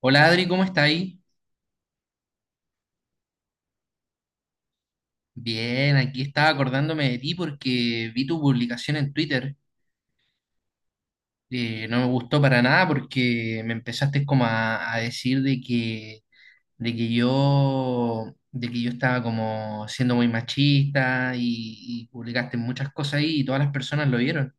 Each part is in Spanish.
Hola Adri, ¿cómo está ahí? Bien, aquí estaba acordándome de ti porque vi tu publicación en Twitter. No me gustó para nada porque me empezaste como a decir de que yo estaba como siendo muy machista y publicaste muchas cosas ahí y todas las personas lo vieron.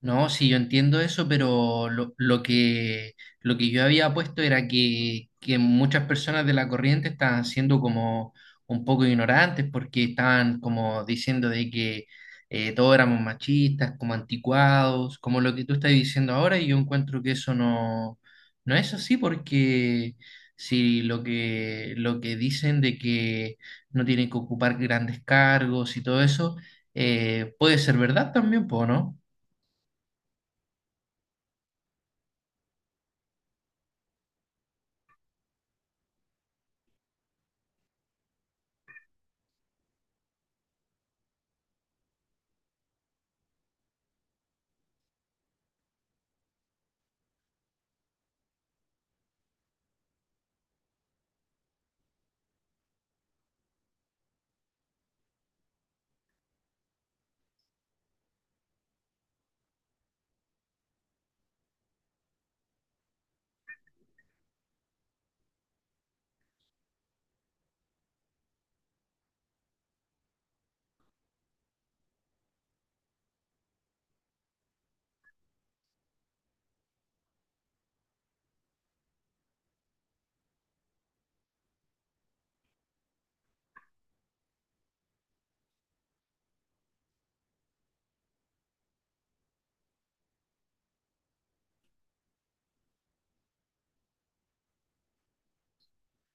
No, sí, yo entiendo eso, pero lo que yo había puesto era que muchas personas de la corriente estaban siendo como un poco ignorantes porque estaban como diciendo de que todos éramos machistas, como anticuados, como lo que tú estás diciendo ahora, y yo encuentro que eso no es así porque si lo que dicen de que no tienen que ocupar grandes cargos y todo eso, puede ser verdad también, po, ¿no?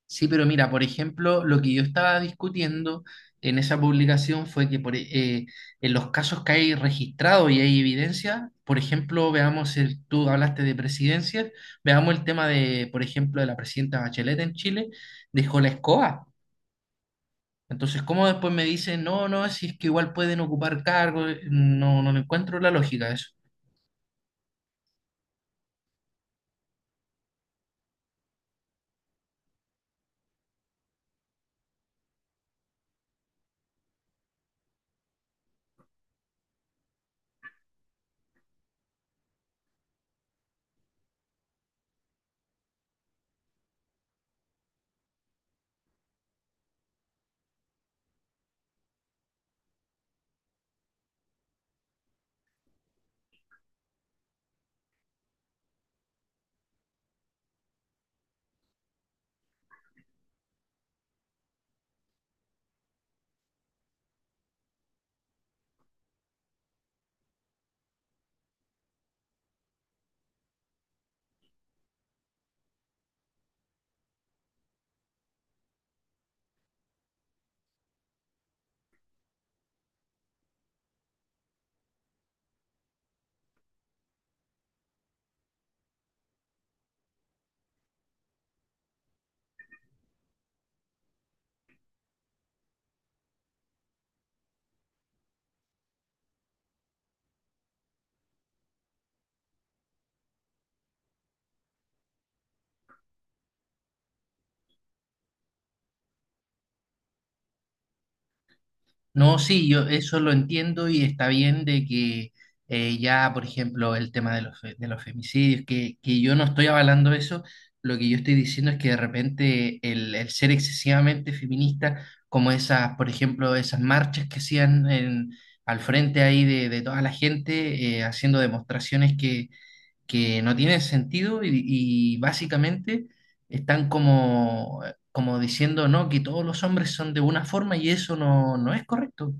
Sí, pero mira, por ejemplo, lo que yo estaba discutiendo en esa publicación fue que eh, en los casos que hay registrados y hay evidencia, por ejemplo, veamos, tú hablaste de presidencias, veamos el tema de, por ejemplo, de la presidenta Bachelet en Chile, dejó la escoba. Entonces, ¿cómo después me dicen, no, no, si es que igual pueden ocupar cargos? No, no le encuentro la lógica a eso. No, sí, yo eso lo entiendo y está bien de que ya, por ejemplo, el tema de de los femicidios, que yo no estoy avalando eso, lo que yo estoy diciendo es que de repente el ser excesivamente feminista, como esas, por ejemplo, esas marchas que hacían en- al frente ahí de toda la gente, haciendo demostraciones que no tiene sentido y básicamente están como diciendo, no, que todos los hombres son de una forma y eso no es correcto.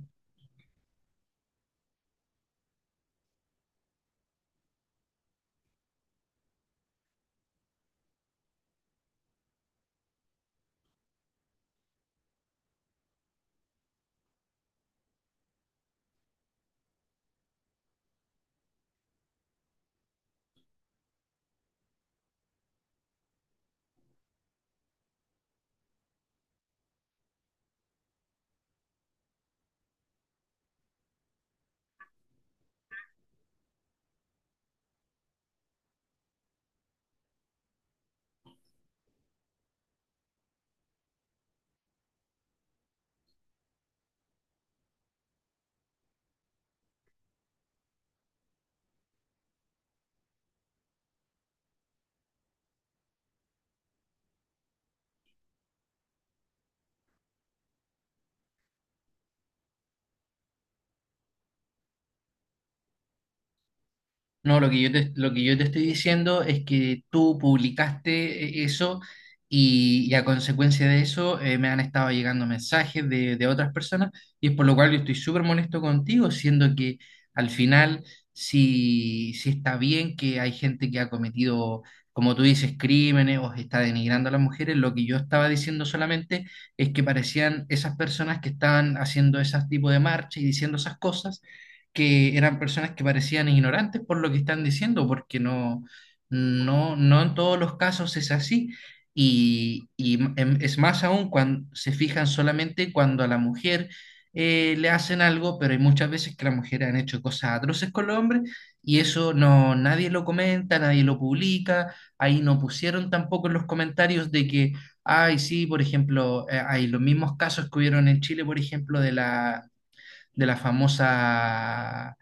No, lo que yo te estoy diciendo es que tú publicaste eso y a consecuencia de eso me han estado llegando mensajes de otras personas y es por lo cual yo estoy súper molesto contigo, siendo que al final sí, sí está bien que hay gente que ha cometido, como tú dices, crímenes o está denigrando a las mujeres. Lo que yo estaba diciendo solamente es que parecían esas personas que estaban haciendo ese tipo de marchas y diciendo esas cosas que eran personas que parecían ignorantes por lo que están diciendo, porque no en todos los casos es así. Y, es más aún cuando se fijan solamente cuando a la mujer le hacen algo, pero hay muchas veces que las mujeres han hecho cosas atroces con los hombres y eso no, nadie lo comenta, nadie lo publica. Ahí no pusieron tampoco en los comentarios de que, ay, sí, por ejemplo, hay los mismos casos que hubieron en Chile, por ejemplo, de la famosa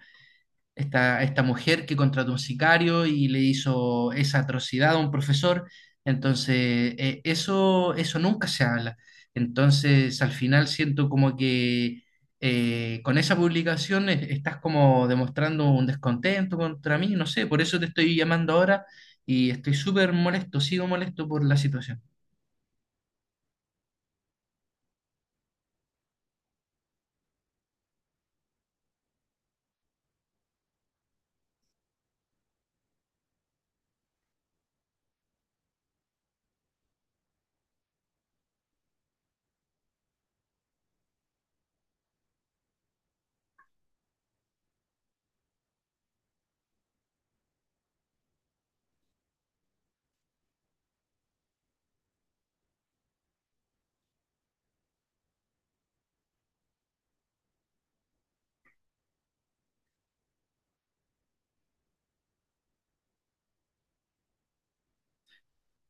esta mujer que contrató un sicario y le hizo esa atrocidad a un profesor. Entonces, eso nunca se habla. Entonces, al final siento como que con esa publicación estás como demostrando un descontento contra mí, no sé, por eso te estoy llamando ahora y estoy súper molesto, sigo molesto por la situación.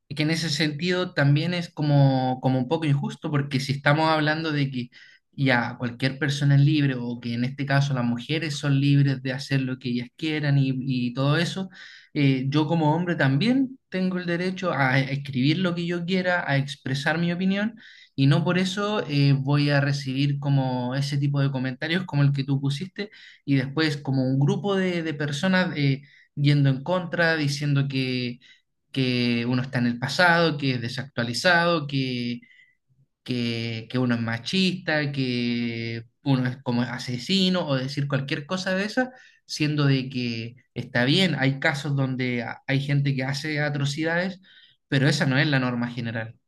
Y que en ese sentido también es como un poco injusto, porque si estamos hablando de que ya cualquier persona es libre, o que en este caso las mujeres son libres de hacer lo que ellas quieran y todo eso, yo como hombre también tengo el derecho a escribir lo que yo quiera, a expresar mi opinión, y no por eso voy a recibir como ese tipo de comentarios como el que tú pusiste, y después como un grupo de personas yendo en contra, diciendo que uno está en el pasado, que es desactualizado, que uno es machista, que uno es como asesino o decir cualquier cosa de esa, siendo de que está bien, hay casos donde hay gente que hace atrocidades, pero esa no es la norma general.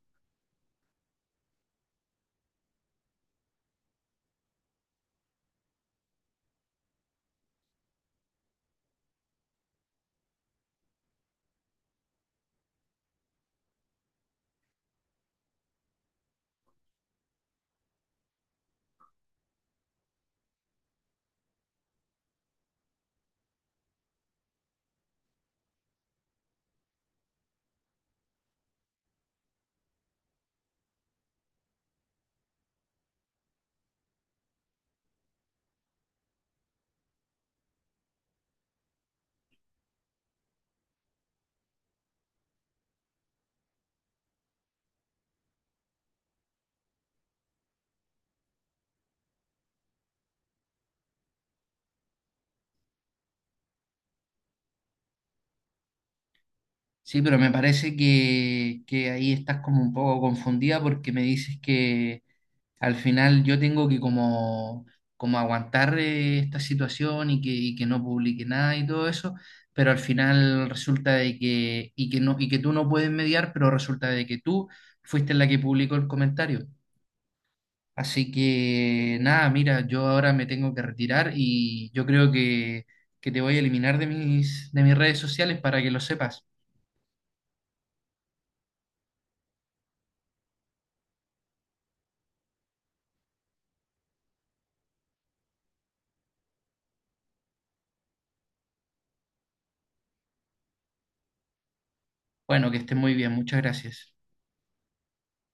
Sí, pero me parece que ahí estás como un poco confundida porque me dices que al final yo tengo que como aguantar esta situación y que no publique nada y todo eso, pero al final resulta de que, y que no, y que tú no puedes mediar, pero resulta de que tú fuiste la que publicó el comentario. Así que nada, mira, yo ahora me tengo que retirar y yo creo que te voy a eliminar de mis redes sociales para que lo sepas. Bueno, que estés muy bien, muchas gracias.